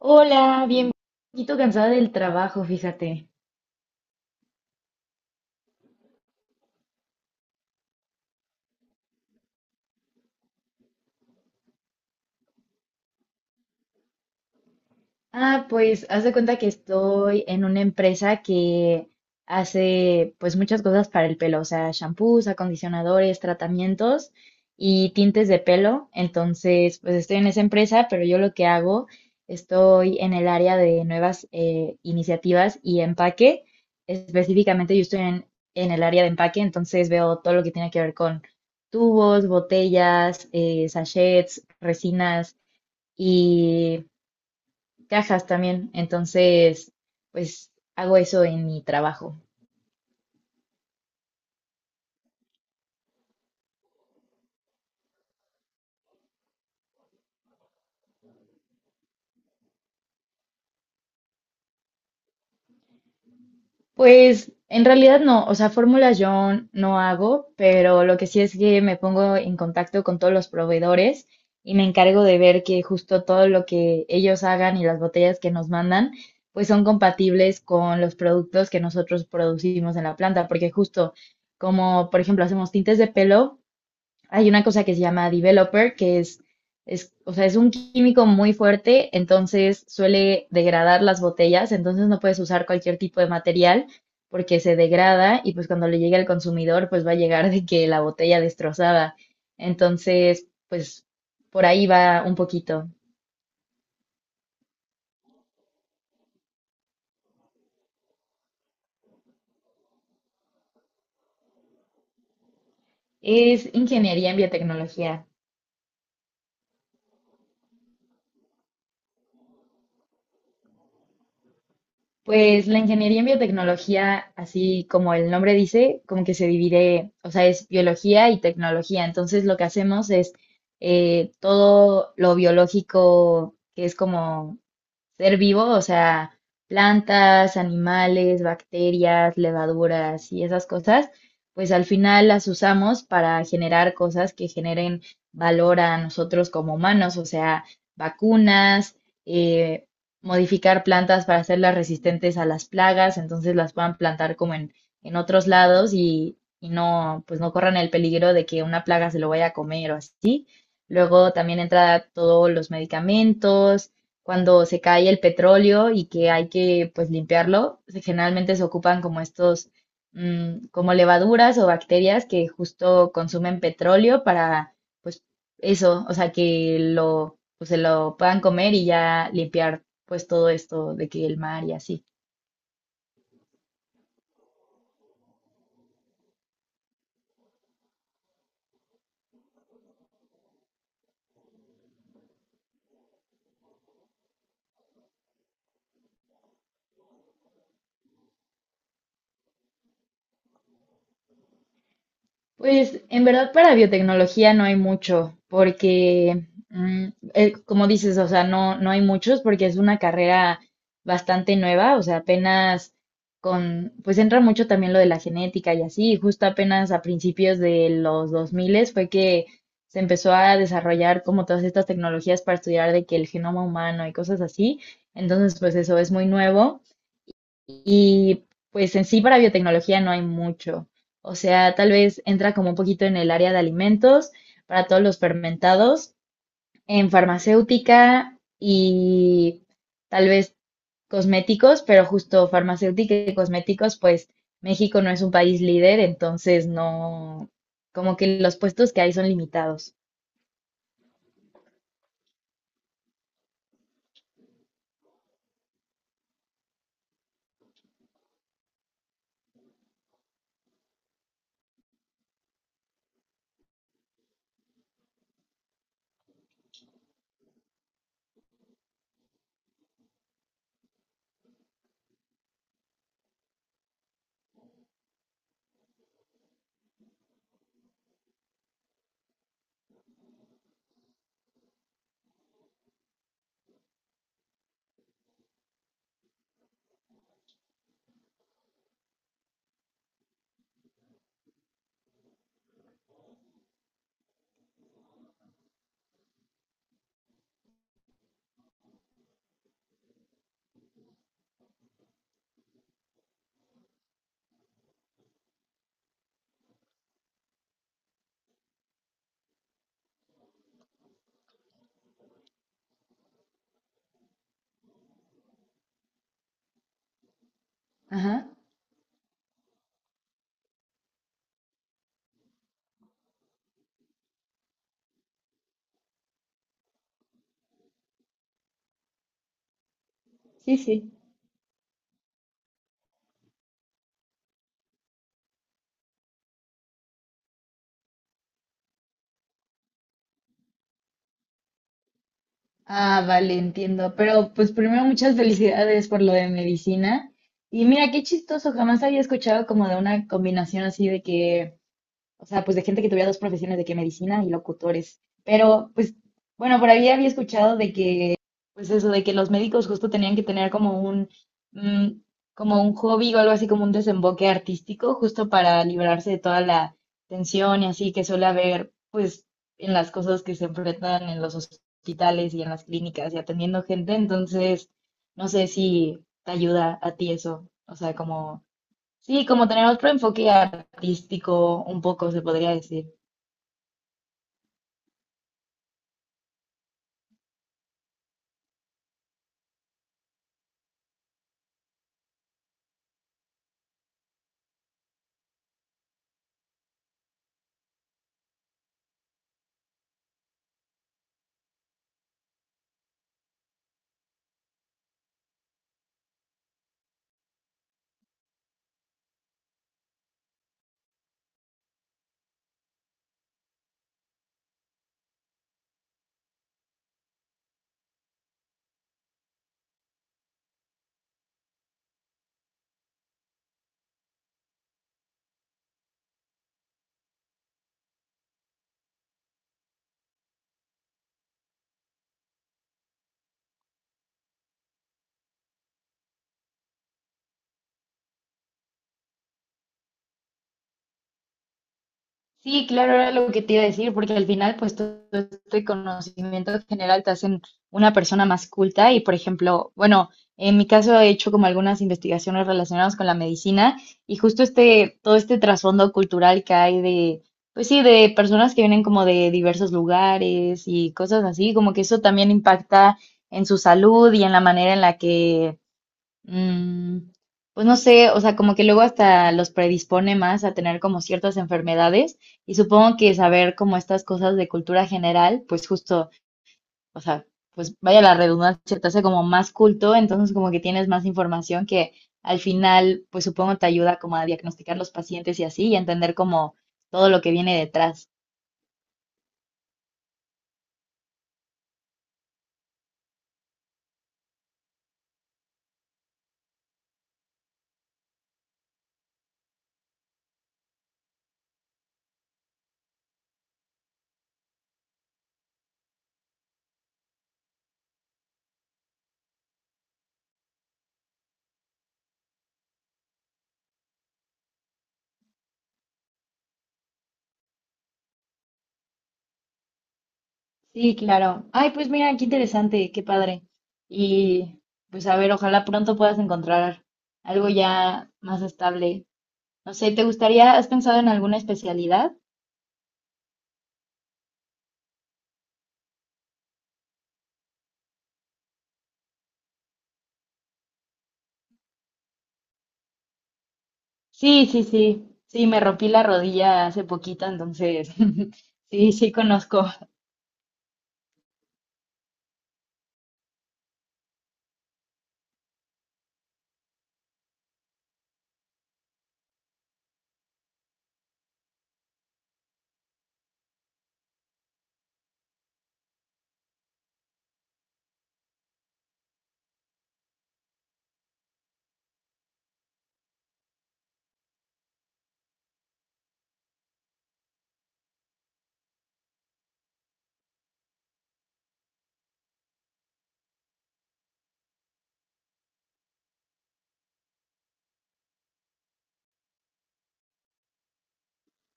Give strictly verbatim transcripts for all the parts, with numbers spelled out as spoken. Hola, bien, un poquito cansada del trabajo, fíjate. Ah, pues haz de cuenta que estoy en una empresa que hace pues muchas cosas para el pelo, o sea, shampoos, acondicionadores, tratamientos y tintes de pelo. Entonces, pues estoy en esa empresa, pero yo lo que hago, estoy en el área de nuevas eh, iniciativas y empaque. Específicamente yo estoy en, en el área de empaque, entonces veo todo lo que tiene que ver con tubos, botellas, eh, sachets, resinas cajas también. Entonces, pues hago eso en mi trabajo. Pues en realidad no, o sea, fórmulas yo no hago, pero lo que sí es que me pongo en contacto con todos los proveedores y me encargo de ver que justo todo lo que ellos hagan y las botellas que nos mandan, pues son compatibles con los productos que nosotros producimos en la planta, porque justo como, por ejemplo, hacemos tintes de pelo, hay una cosa que se llama developer, que es, es, o sea, es un químico muy fuerte, entonces suele degradar las botellas, entonces no puedes usar cualquier tipo de material porque se degrada y pues cuando le llegue al consumidor pues va a llegar de que la botella destrozada. Entonces, pues por ahí va un poquito. Es ingeniería en biotecnología. Pues la ingeniería en biotecnología, así como el nombre dice, como que se divide, o sea, es biología y tecnología. Entonces lo que hacemos es eh, todo lo biológico, que es como ser vivo, o sea, plantas, animales, bacterias, levaduras y esas cosas, pues al final las usamos para generar cosas que generen valor a nosotros como humanos, o sea, vacunas, eh, modificar plantas para hacerlas resistentes a las plagas, entonces las puedan plantar como en, en otros lados y, y no, pues no corran el peligro de que una plaga se lo vaya a comer o así. Luego también entra todos los medicamentos, cuando se cae el petróleo y que hay que pues limpiarlo, se- generalmente se ocupan como estos, mm, como levaduras o bacterias que justo consumen petróleo para pues eso, o sea que lo, pues, se lo puedan comer y ya limpiar pues todo esto de que el mar y así. Pues en verdad para biotecnología no hay mucho, porque mm, eh, como dices, o sea, no, no hay muchos porque es una carrera bastante nueva, o sea, apenas con, pues entra mucho también lo de la genética y así, y justo apenas a principios de los dos mil fue que se empezó a desarrollar como todas estas tecnologías para estudiar de que el genoma humano y cosas así, entonces pues eso es muy nuevo. Y pues en sí para biotecnología no hay mucho. O sea, tal vez entra como un poquito en el área de alimentos para todos los fermentados, en farmacéutica y tal vez cosméticos, pero justo farmacéutica y cosméticos, pues México no es un país líder, entonces no, como que los puestos que hay son limitados. Ajá, sí, sí. Ah, vale, entiendo. Pero pues primero muchas felicidades por lo de medicina. Y mira, qué chistoso, jamás había escuchado como de una combinación así de que o sea, pues de gente que tuviera dos profesiones, de que medicina y locutores. Pero, pues, bueno, por ahí había escuchado de que, pues eso, de que los médicos justo tenían que tener como un, mm, como un hobby o algo así, como un desemboque artístico, justo para librarse de toda la tensión y así que suele haber, pues, en las cosas que se enfrentan en los hospitales y en las clínicas y atendiendo gente. Entonces, no sé si te ayuda a ti eso, o sea, como sí, como tener otro enfoque artístico, un poco se podría decir. Sí, claro, era lo que te iba a decir, porque al final, pues todo este conocimiento general te hacen una persona más culta y, por ejemplo, bueno, en mi caso he hecho como algunas investigaciones relacionadas con la medicina y justo este, todo este trasfondo cultural que hay de, pues sí, de personas que vienen como de diversos lugares y cosas así, como que eso también impacta en su salud y en la manera en la que Mm, pues no sé, o sea, como que luego hasta los predispone más a tener como ciertas enfermedades y supongo que saber como estas cosas de cultura general, pues justo, o sea, pues vaya la redundancia, te hace como más culto, entonces como que tienes más información que al final, pues supongo te ayuda como a diagnosticar los pacientes y así y a entender como todo lo que viene detrás. Sí, claro. Ay, pues mira, qué interesante, qué padre. Y pues a ver, ojalá pronto puedas encontrar algo ya más estable. No sé, ¿te gustaría, has pensado en alguna especialidad? Sí, sí, sí. Sí, me rompí la rodilla hace poquito, entonces sí, sí conozco.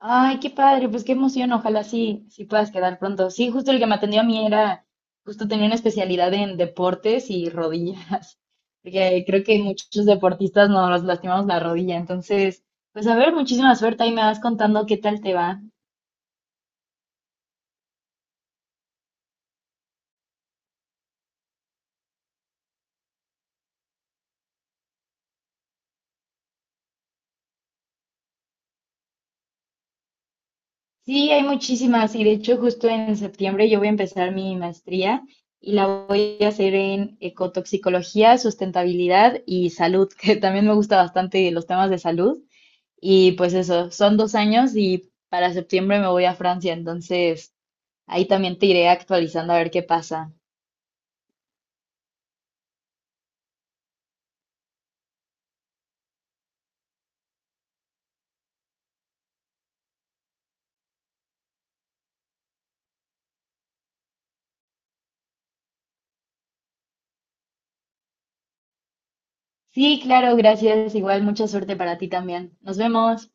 Ay, qué padre, pues qué emoción, ojalá sí, sí puedas quedar pronto. Sí, justo el que me atendió a mí era, justo tenía una especialidad en deportes y rodillas, porque creo que muchos deportistas nos lastimamos la rodilla, entonces, pues a ver, muchísima suerte, ahí me vas contando qué tal te va. Sí, hay muchísimas y de hecho justo en septiembre yo voy a empezar mi maestría y la voy a hacer en ecotoxicología, sustentabilidad y salud, que también me gusta bastante los temas de salud. Y pues eso, son dos años y para septiembre me voy a Francia, entonces ahí también te iré actualizando a ver qué pasa. Sí, claro, gracias. Igual mucha suerte para ti también. Nos vemos.